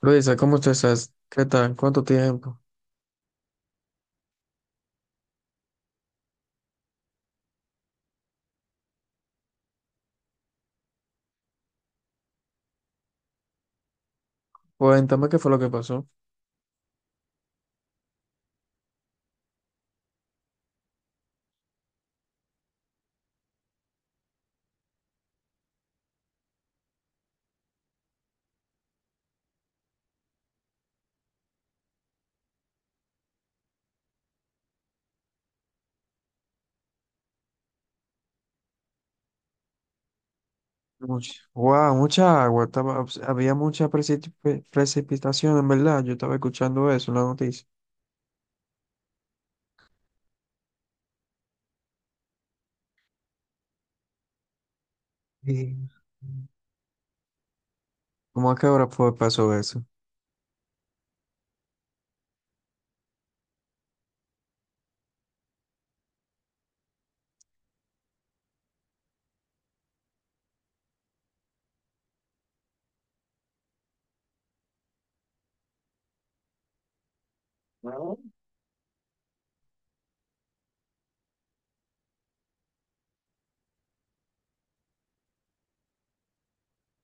Luisa, ¿cómo te estás? ¿Qué tal? ¿Cuánto tiempo? Cuéntame qué fue lo que pasó. Mucha, wow, mucha agua. Estaba, había mucha precipitación, en verdad. Yo estaba escuchando eso en la noticia. Sí. ¿Cómo a qué hora fue pasó eso?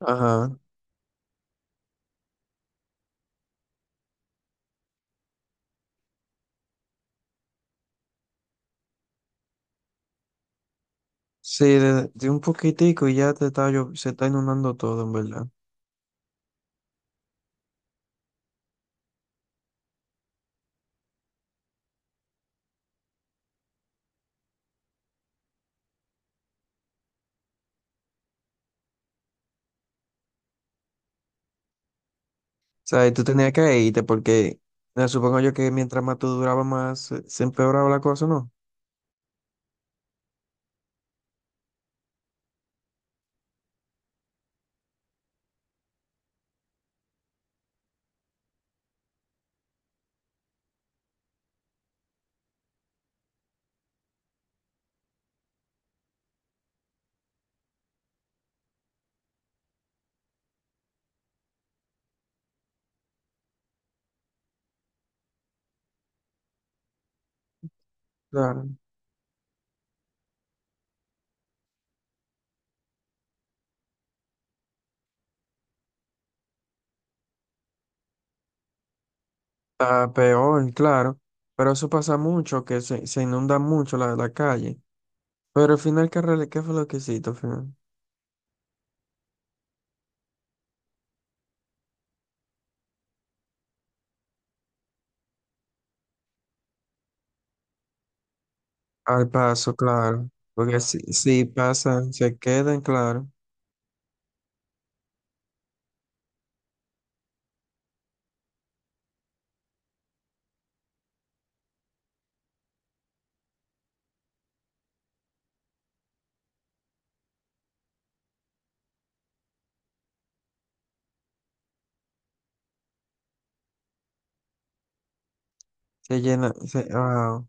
Ajá. Sí, de un poquitico y ya te está, se está inundando todo, en verdad. O sea, y tú tenías que irte porque supongo yo que mientras más tú durabas, más se empeoraba la cosa, ¿no? Claro. Está peor, claro, pero eso pasa mucho, que se inunda mucho la calle. Pero al final, ¿qué fue lo que hiciste al final? Al paso, claro. Porque si pasan, se quedan, claro. Se llena,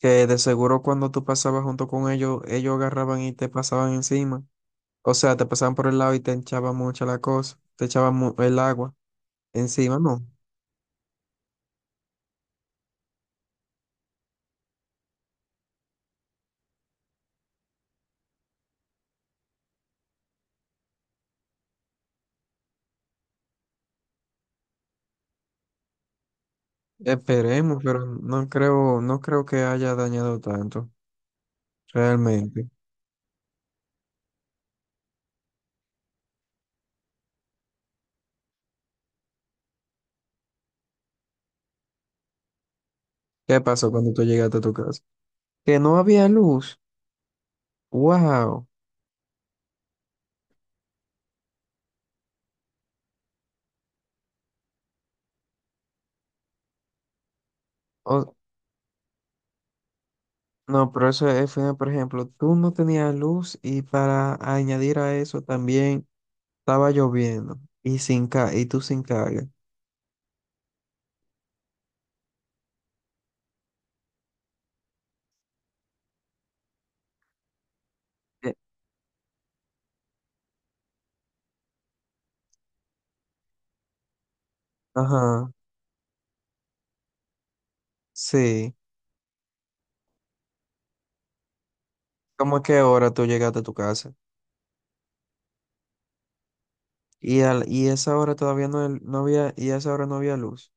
que de seguro cuando tú pasabas junto con ellos, ellos agarraban y te pasaban encima. O sea, te pasaban por el lado y te echaban mucha la cosa, te echaban el agua encima, no. Esperemos, pero no creo, no creo que haya dañado tanto, realmente. ¿Qué pasó cuando tú llegaste a tu casa? Que no había luz. Wow. No, pero eso fue, por ejemplo, tú no tenías luz y para añadir a eso también estaba lloviendo y sin ca y tú sin carga. Eh, Ajá, sí. ¿Cómo que hora tú llegaste a tu casa? Y al y esa hora todavía no, no había, y a esa hora no había luz.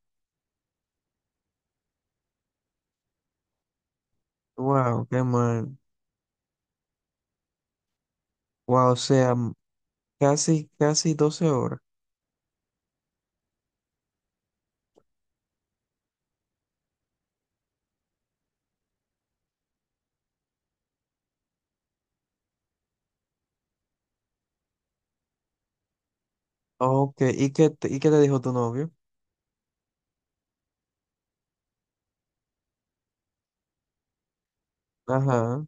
Wow, qué mal. Wow, o sea, casi casi 12 horas. Ok, ¿y qué te dijo tu novio? Ajá.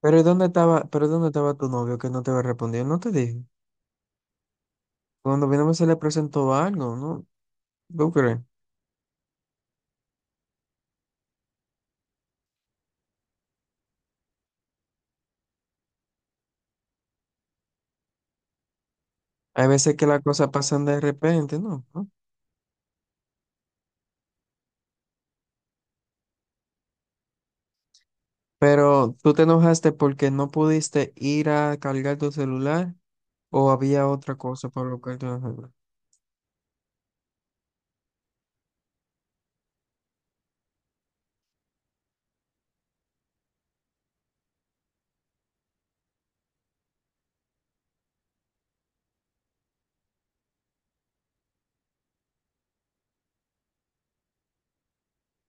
Pero ¿dónde estaba, pero dónde estaba tu novio que no te había respondido? No te dije. Cuando vino se le presentó algo, ¿no? ¿Tú crees? Hay veces que las cosas pasan de repente, ¿no? ¿No? Pero tú te enojaste porque no pudiste ir a cargar tu celular o ¿había otra cosa por lo que te enojaste?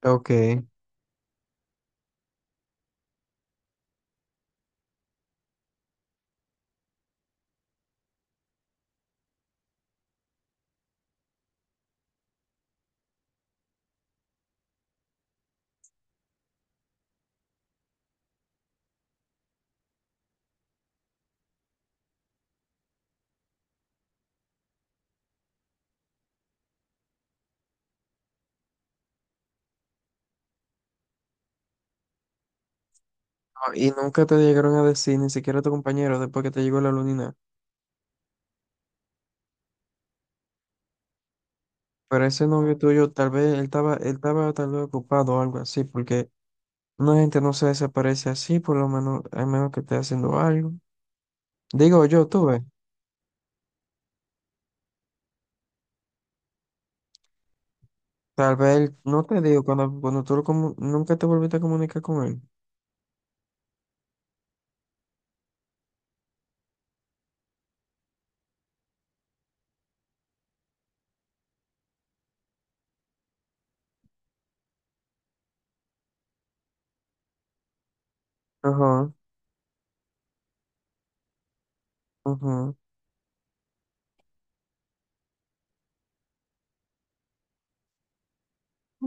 Ok. Ah, y nunca te llegaron a decir, ni siquiera tu compañero, después que te llegó la lunina. Pero ese novio tuyo, tal vez él estaba tal vez ocupado o algo así, porque una gente no se desaparece así, por lo menos, a menos que esté haciendo algo. Digo yo, tú ves, no te digo, cuando nunca te volviste a comunicar con él. Ajá, ajá.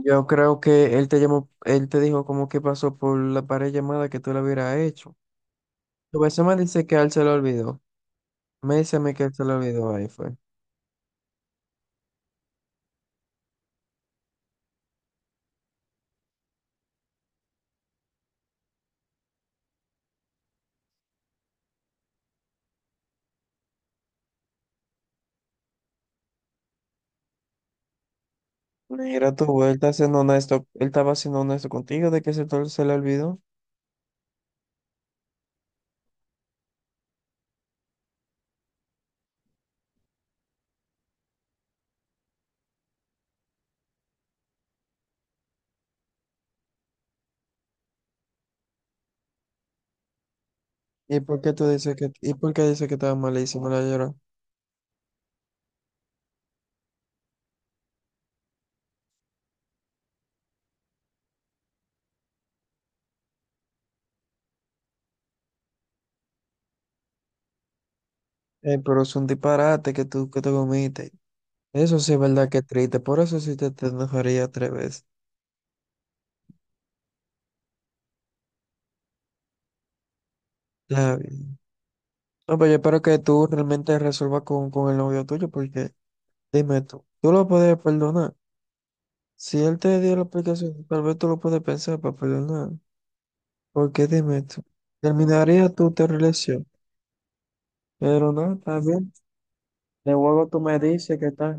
Yo creo que él te llamó, él te dijo como que pasó por la pared llamada que tú le hubieras hecho. Tu vez me dice que a él se lo olvidó. Me dice a mí que él se lo olvidó, ahí fue. Mira tú, él está siendo honesto, él estaba siendo honesto contigo de que se le olvidó. ¿Y por qué dices que estaba malísimo la llora? Pero es un disparate que tú que te comiste. Eso sí es verdad que es triste, por eso sí te enojaría tres veces. Está bien. No, pero yo espero que tú realmente resuelvas con el novio tuyo, porque dime tú, ¿tú lo puedes perdonar? Si él te dio la explicación, tal vez tú lo puedes pensar para perdonar. Porque dime tú, ¿terminaría tu relación? Pero no, está bien. De luego tú me dices que está.